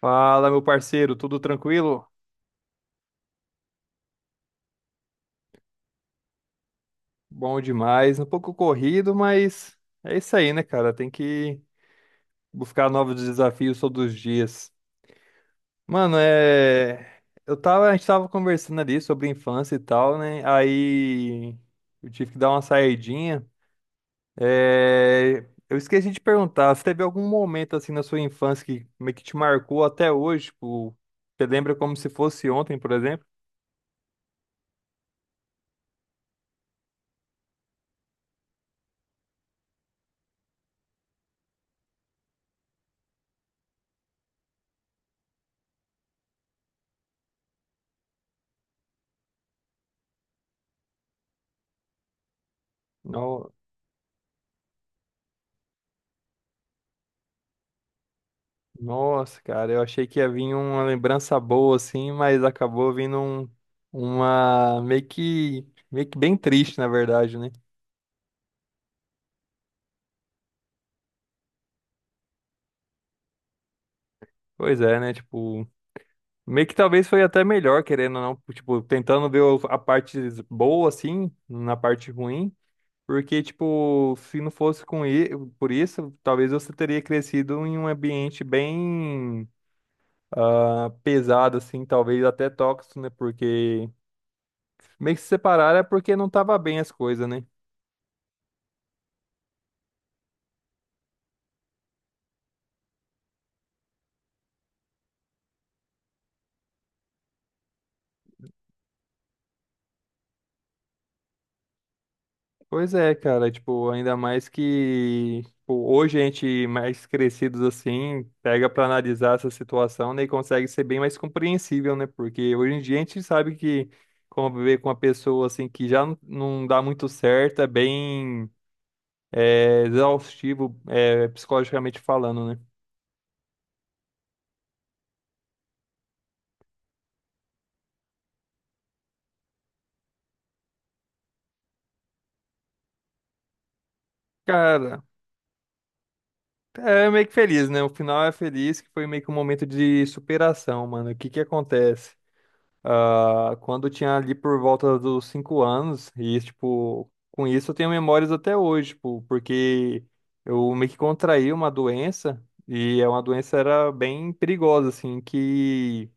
Fala, meu parceiro, tudo tranquilo? Bom demais, um pouco corrido, mas é isso aí, né, cara? Tem que buscar novos desafios todos os dias. Mano, é. A gente tava conversando ali sobre infância e tal, né? Aí eu tive que dar uma saidinha. Eu esqueci de perguntar, se teve algum momento assim na sua infância que meio que te marcou até hoje? Tipo, você lembra como se fosse ontem, por exemplo? Não. Nossa, cara, eu achei que ia vir uma lembrança boa assim, mas acabou vindo uma meio que bem triste, na verdade, né? Pois é, né? Tipo, meio que talvez foi até melhor, querendo ou não, tipo, tentando ver a parte boa assim, na parte ruim, porque tipo, se não fosse por isso, talvez você teria crescido em um ambiente bem pesado assim, talvez até tóxico, né? Porque meio que se separaram é porque não tava bem as coisas, né? Pois é, cara, tipo, ainda mais que tipo, hoje a gente mais crescidos assim, pega pra analisar essa situação, né, e consegue ser bem mais compreensível, né? Porque hoje em dia a gente sabe que conviver com uma pessoa assim que já não dá muito certo é bem exaustivo, é, psicologicamente falando, né? Cara, é meio que feliz, né? O final é feliz, que foi meio que um momento de superação, mano. O que que acontece? Ah, quando eu tinha ali por volta dos 5 anos, e tipo, com isso eu tenho memórias até hoje, tipo, porque eu meio que contraí uma doença, e é uma doença era bem perigosa, assim, que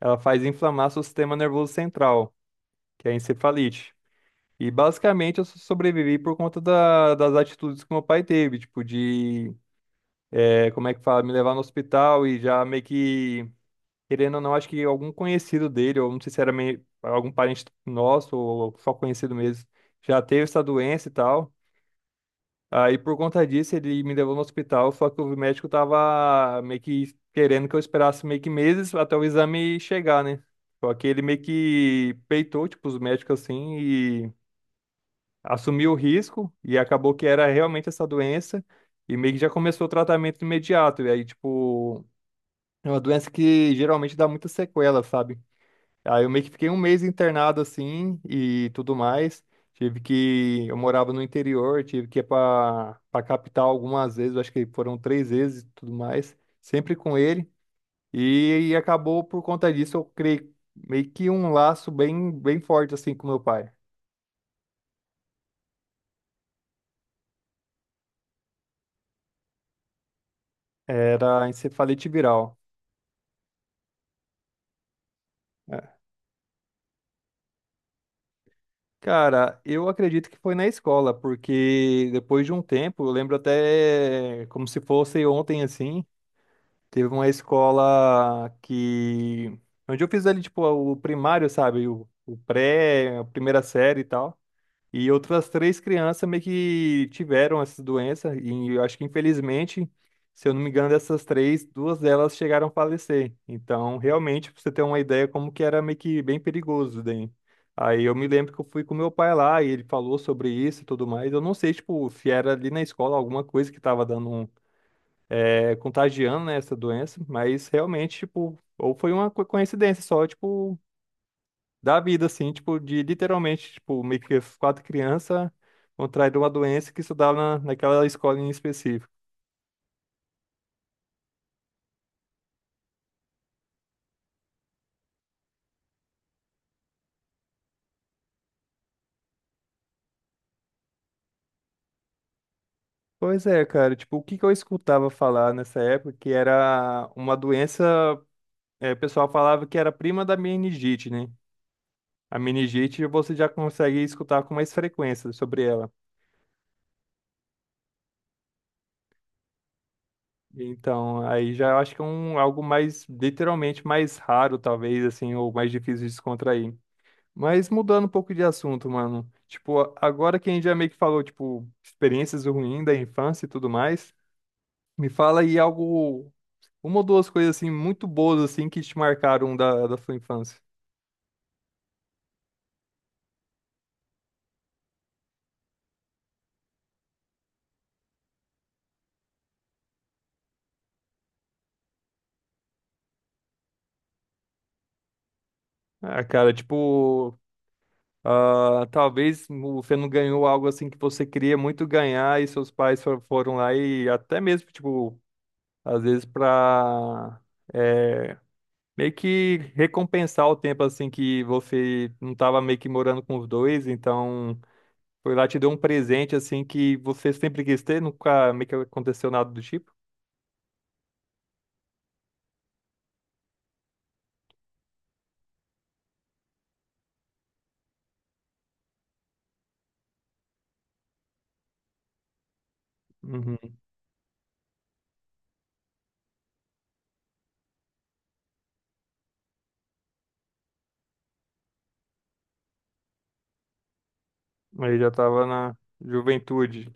ela faz inflamar seu sistema nervoso central, que é a encefalite. E basicamente eu sobrevivi por conta das atitudes que meu pai teve, tipo, de, como é que fala, me levar no hospital e já meio que querendo ou não, acho que algum conhecido dele, ou não sei se era algum parente nosso, ou só conhecido mesmo, já teve essa doença e tal. Aí, por conta disso, ele me levou no hospital, só que o médico tava meio que querendo que eu esperasse meio que meses até o exame chegar, né? Só que ele meio que peitou, tipo, os médicos assim, e assumiu o risco, e acabou que era realmente essa doença, e meio que já começou o tratamento imediato. E aí, tipo, é uma doença que geralmente dá muita sequela, sabe? Aí eu meio que fiquei um mês internado assim e tudo mais. Tive que. Eu morava no interior, tive que ir pra capital algumas vezes, eu acho que foram 3 vezes e tudo mais, sempre com ele. E acabou por conta disso, eu criei meio que um laço bem, bem forte assim com meu pai. Era encefalite viral. É. Cara, eu acredito que foi na escola, porque depois de um tempo, eu lembro até como se fosse ontem assim. Teve uma escola que. Onde eu fiz ali, tipo, o primário, sabe? O pré, a primeira série e tal. E outras três crianças meio que tiveram essa doença. E eu acho que, infelizmente, se eu não me engano, dessas três, duas delas chegaram a falecer. Então, realmente, pra você ter uma ideia, como que era meio que bem perigoso daí. Aí eu me lembro que eu fui com meu pai lá e ele falou sobre isso e tudo mais. Eu não sei, tipo, se era ali na escola alguma coisa que tava dando um contagiando, né, essa doença, mas realmente, tipo, ou foi uma coincidência só, tipo, da vida, assim, tipo, de literalmente, tipo, meio que as quatro crianças contraíram uma doença que estudava naquela escola em específico. Pois é, cara, tipo, o que que eu escutava falar nessa época que era uma doença, o pessoal falava que era prima da meningite, né? A meningite você já consegue escutar com mais frequência sobre ela. Então, aí já eu acho que é algo mais, literalmente, mais raro, talvez, assim, ou mais difícil de descontrair. Mas mudando um pouco de assunto, mano. Tipo, agora que a gente já meio que falou, tipo, experiências ruins da infância e tudo mais, me fala aí algo, uma ou duas coisas, assim, muito boas, assim, que te marcaram da sua infância. Ah, cara, tipo, talvez você não ganhou algo, assim, que você queria muito ganhar e seus pais foram lá e até mesmo, tipo, às vezes para meio que recompensar o tempo assim que você não estava meio que morando com os dois, então foi lá e te deu um presente assim que você sempre quis ter, nunca meio que aconteceu nada do tipo. Uhum. Aí já tava na juventude,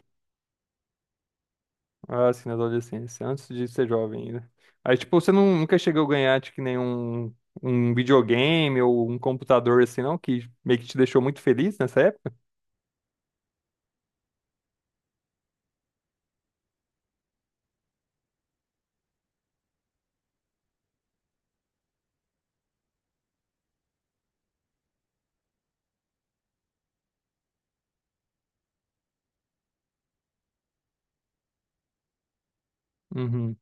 assim, na adolescência, antes de ser jovem ainda. Aí tipo, você não, nunca chegou a ganhar tipo, nenhum um videogame ou um computador assim não, que meio que te deixou muito feliz nessa época? Uhum.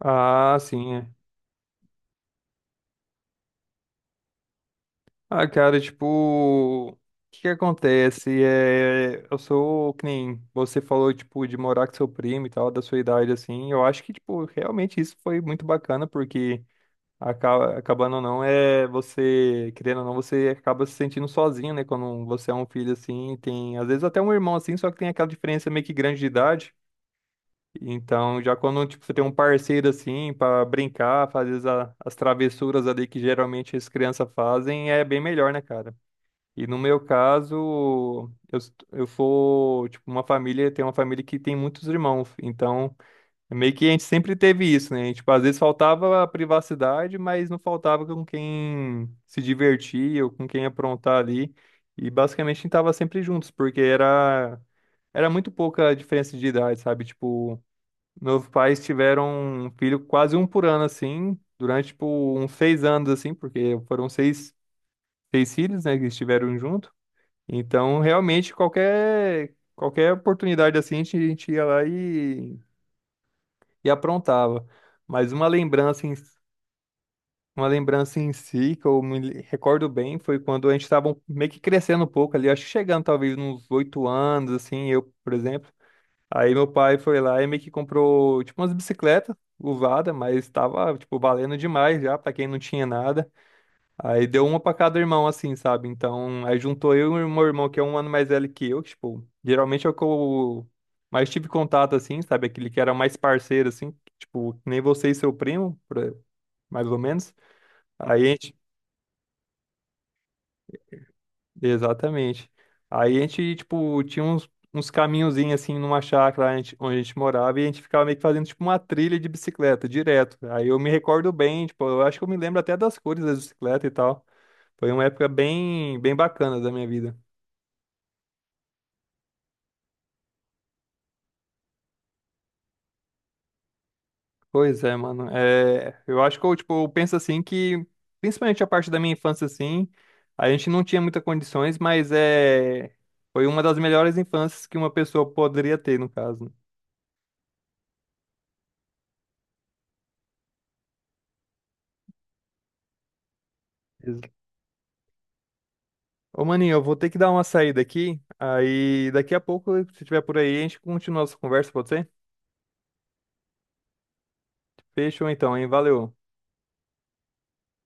Ah, sim. É. Ah, cara, tipo, o que que acontece? É, eu sou, que nem você falou, tipo, de morar com seu primo e tal, da sua idade, assim. Eu acho que, tipo, realmente isso foi muito bacana, porque acabando ou não, é você, querendo ou não, você acaba se sentindo sozinho, né? Quando você é um filho, assim, tem, às vezes, até um irmão, assim, só que tem aquela diferença meio que grande de idade. Então, já quando, tipo, você tem um parceiro, assim, pra brincar, fazer as travessuras ali que geralmente as crianças fazem, é bem melhor, né, cara? E no meu caso, eu sou, tipo, uma família, tem uma família que tem muitos irmãos, então é meio que a gente sempre teve isso, né? A gente, tipo, às vezes faltava a privacidade, mas não faltava com quem se divertir ou com quem aprontar ali. E basicamente a gente tava sempre juntos, porque era muito pouca a diferença de idade, sabe? Tipo, meus pais tiveram um filho quase um por ano, assim, durante, tipo, uns 6 anos, assim, porque foram seis filhos, né, que estiveram junto. Então, realmente, qualquer oportunidade assim, a gente ia lá e, aprontava. Mas uma lembrança em si, que eu me recordo bem, foi quando a gente estava meio que crescendo um pouco ali, acho que chegando talvez uns 8 anos, assim, eu, por exemplo. Aí meu pai foi lá e meio que comprou, tipo, umas bicicletas usadas, mas estava, tipo, valendo demais já, para quem não tinha nada. Aí deu uma pra cada irmão, assim, sabe? Então, aí juntou eu e o meu irmão, que é um ano mais velho que eu, que, tipo, geralmente é o que eu mais tive contato, assim, sabe? Aquele que era mais parceiro, assim, que, tipo, que nem você e seu primo, mais ou menos. Aí a gente, exatamente. Aí a gente, tipo, tinha uns caminhozinhos, assim, numa chácara onde a gente morava e a gente ficava meio que fazendo, tipo, uma trilha de bicicleta, direto. Aí eu me recordo bem, tipo, eu acho que eu me lembro até das cores da bicicleta e tal. Foi uma época bem, bem bacana da minha vida. Pois é, mano. É, eu acho que tipo, eu penso assim que, principalmente a parte da minha infância, assim, a gente não tinha muitas condições, mas foi uma das melhores infâncias que uma pessoa poderia ter, no caso, né? Ex- Ô, maninho, eu vou ter que dar uma saída aqui, aí daqui a pouco, se tiver por aí, a gente continua a nossa conversa, pode ser? Fechou então, hein? Valeu.